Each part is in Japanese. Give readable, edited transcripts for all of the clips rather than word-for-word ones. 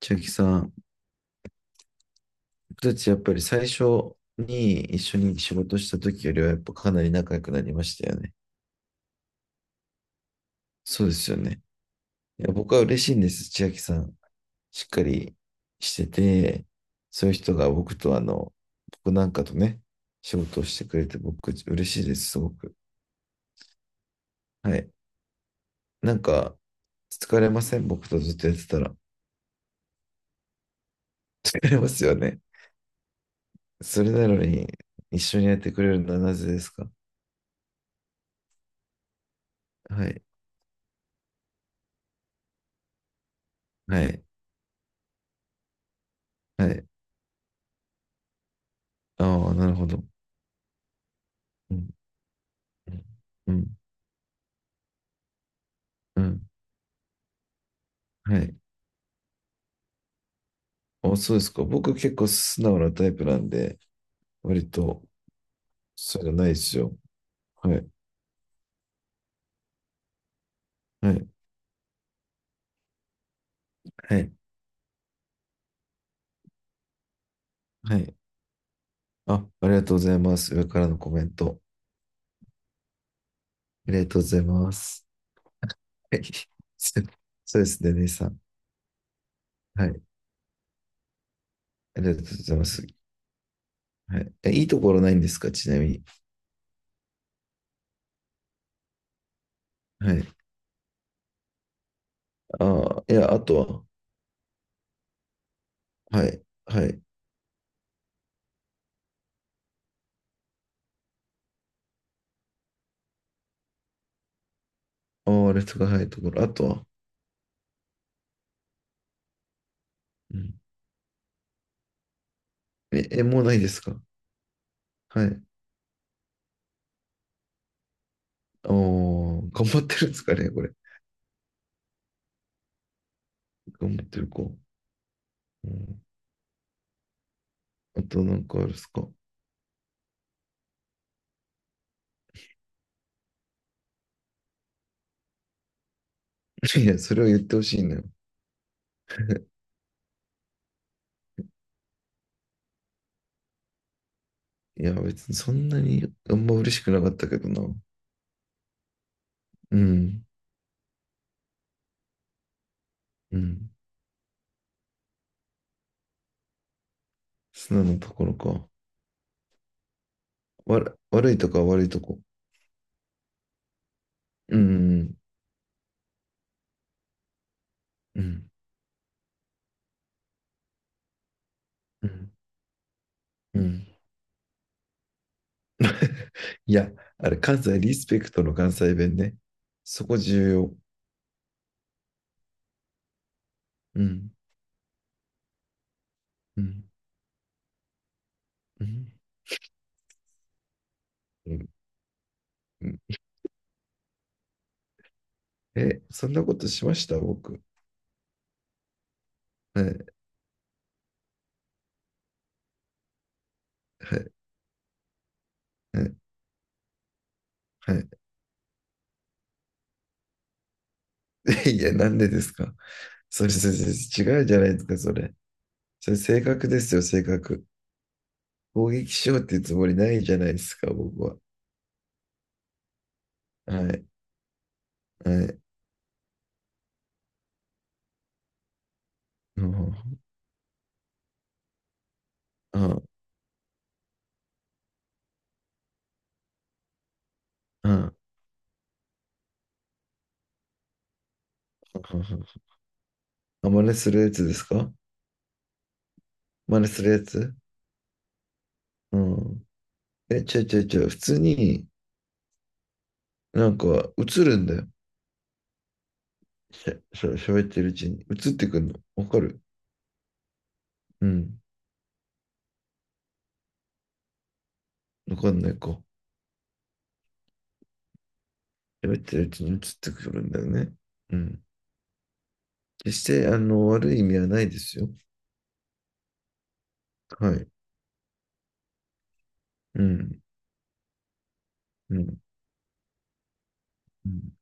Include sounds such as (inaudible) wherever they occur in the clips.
千秋さん、僕たちやっぱり最初に一緒に仕事した時よりはやっぱかなり仲良くなりましたよね。そうですよね。いや、僕は嬉しいんです。千秋さん、しっかりしてて、そういう人が僕と僕なんかとね、仕事をしてくれて僕嬉しいです、すごく。はい。なんか、疲れません僕とずっとやってたら。疲れますよね。それなのに、一緒にやってくれるのはなぜですか？はい。はい。はい。ああ、なるほど。うん、うん、うん、はい。あ、そうですか。僕結構素直なタイプなんで、割と、そういうのないですよ。はい、はい、はい、はい。あ、ありがとうございます。上からのコメント。ありがとうございます。はい。(laughs) そうそうですね、姉さん。はい。ありがとうございます。はい。え、いいところないんですか、ちなみに？はい。ああ、いや、あとは。はい、はい。ああ、あれとかはいところ。あとは？うん。え、えもうないですか？はい。おー、頑張ってるんですかね、これ。頑張ってるか。うん。あとなんかあるっすか？ (laughs) いや、それを言ってほしいのよ。いや、別にそんなにあんま嬉しくなかったけどな。うん。うん。素直なところか。わら、悪いとか悪いとこ。うん。うん。うん。うん。(laughs) いや、あれ、関西リスペクトの関西弁ね。そこ重要。うん。うん。うん。うん。うん。え、そんなことしました僕？はい。はい。はい。はい。(laughs) いや、なんでですか？それ違うじゃないですか、それ。それ、性格ですよ、性格。攻撃しようっていうつもりないじゃないですか、僕は。はい、はい。うん、うん、うん。うん。あ、真似するやつですか？真似するやつ。うん。え、違う。普通に、なんか、映るんだよ。しゃ、しゃ、喋ってるうちに。映ってくるの。わかる？うん。わかんないか。喋ってるうちに映ってくるんだよね。うん。決して、悪い意味はないですよ。はい。うん。うん。うん、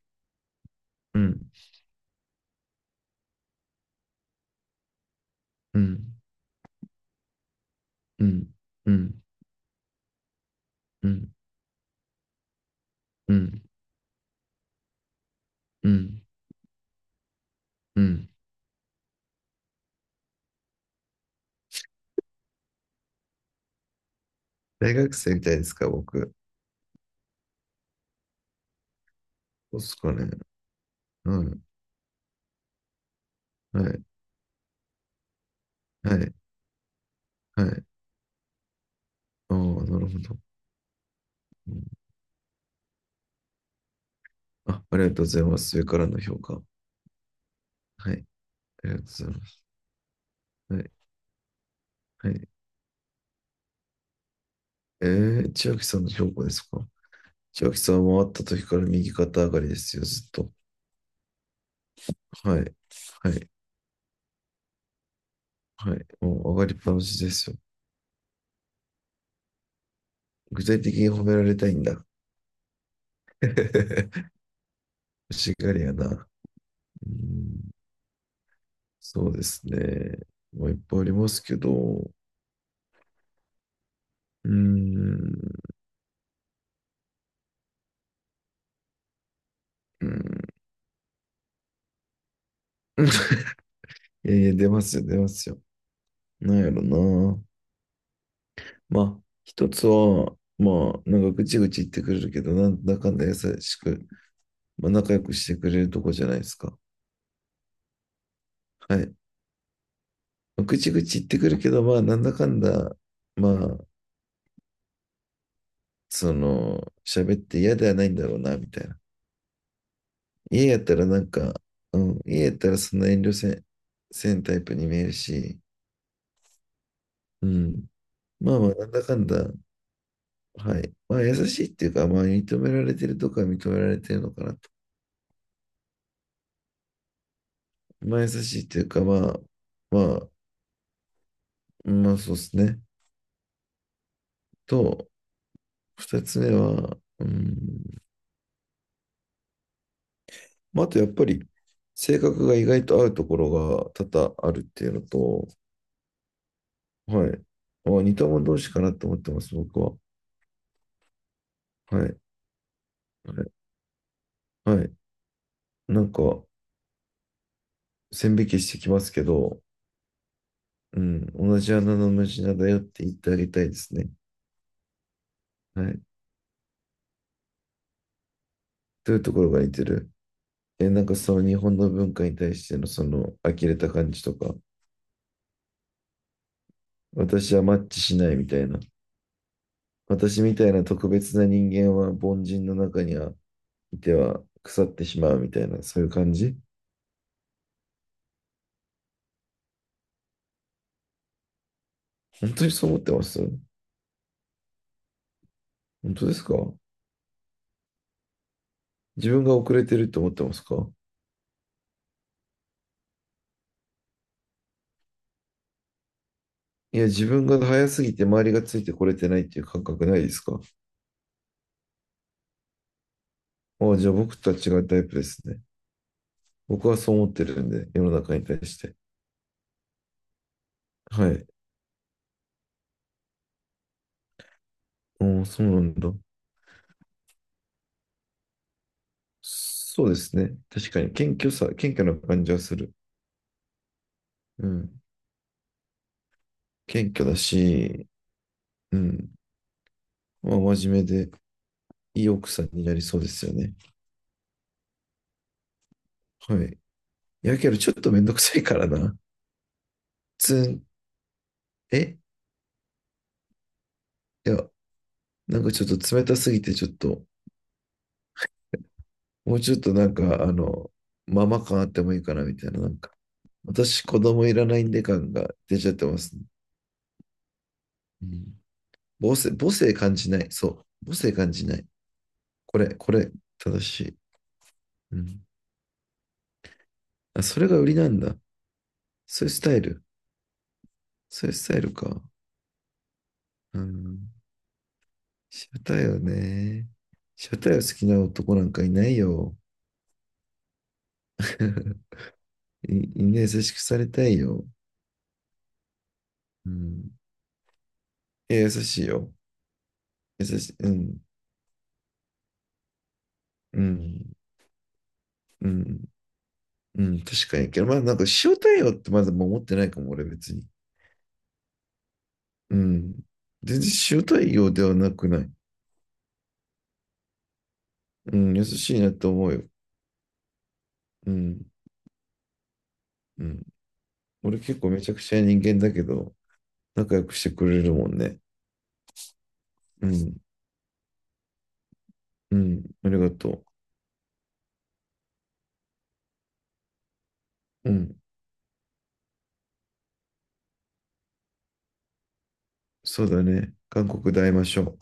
うん、うん、うん、うん、うん、うん、うん、うん。大学生みたいですか、僕？そうっすかね。はい、はい、はい、はい。ああ、なるほど。うん。あ、ありがとうございます。上からの評価。はい、ありがとうございます。はい、はい。えー、千秋さんの評価ですか？千秋さんは会った時から右肩上がりですよ、ずっと。はい、はい、はい。もう上がりっぱなしですよ。具体的に褒められたいんだ。(laughs) 欲しがりやな。うん。そうですね。まあ、いっぱいありますけど、ーん、うーん (laughs) えー出ますよ、出ますよ。なんやろな。まあ、一つは、まあ、なんかぐちぐち言ってくれるけど、なんだかんだ優しく、まあ、仲良くしてくれるとこじゃないですか。はい。まあ、ぐちぐち言ってくるけど、まあ、なんだかんだ、まあ、その、喋って嫌ではないんだろうな、みたいな。家やったらなんか、うん、家やったらそんな遠慮せんタイプに見えるし、うん。まあまあ、なんだかんだ、はい。まあ、優しいっていうか、まあ、認められてるとか認められてるのかなと。まあ、優しいっていうか、まあ、まあ、まあ、そうですね。と、二つ目は、うん、まあ、あとやっぱり、性格が意外と合うところが多々あるっていうのと、はい。まあ、似た者同士かなと思ってます、僕は。はい。はい。はい。なんか、線引きしてきますけど、うん、同じ穴の無地なだよって言ってあげたいですね。はい。どういうところが似てる？え、なんかその日本の文化に対してのその呆れた感じとか、私はマッチしないみたいな、私みたいな特別な人間は凡人の中にはいては腐ってしまうみたいな、そういう感じ？本当にそう思ってます？本当ですか？自分が遅れてると思ってますか？いや、自分が早すぎて周りがついてこれてないっていう感覚ないですか？ああ、じゃあ僕とは違うタイプですね。僕はそう思ってるんで、世の中に対して。はい。おお、そうなんだ。そうですね。確かに、謙虚さ、謙虚な感じはする。うん。謙虚だし、うん。まあ、真面目で、いい奥さんになりそうですよね。はい。いやけど、ちょっとめんどくさいからな。つん、え、いや、なんかちょっと冷たすぎて、ちょっと、もうちょっとなんか、ママ感あってもいいかな、みたいな、なんか。私、子供いらないんで感が出ちゃってますね。うん。母性、母性感じない。そう。母性感じない。これ、これ、正しい。うん。あ、それが売りなんだ。そういうスタイル。そういうスタイルか。うん。シャタイはね。シャタイは好きな男なんかいないよ。(laughs) い、みんな優しくされたいよ。うん。いや、優しいよ。優しい。うん。うん。うん。うん。確かに。けど、まあ、なんか、塩対応ってまだ守ってないかも、俺別に。うん。全然塩対応ではなくない？うん。優しいなと思うよ。うん。うん。俺結構めちゃくちゃ人間だけど、仲良くしてくれるもんね。うん。うん、ありがとう。うん、そうだね。韓国で会いましょう。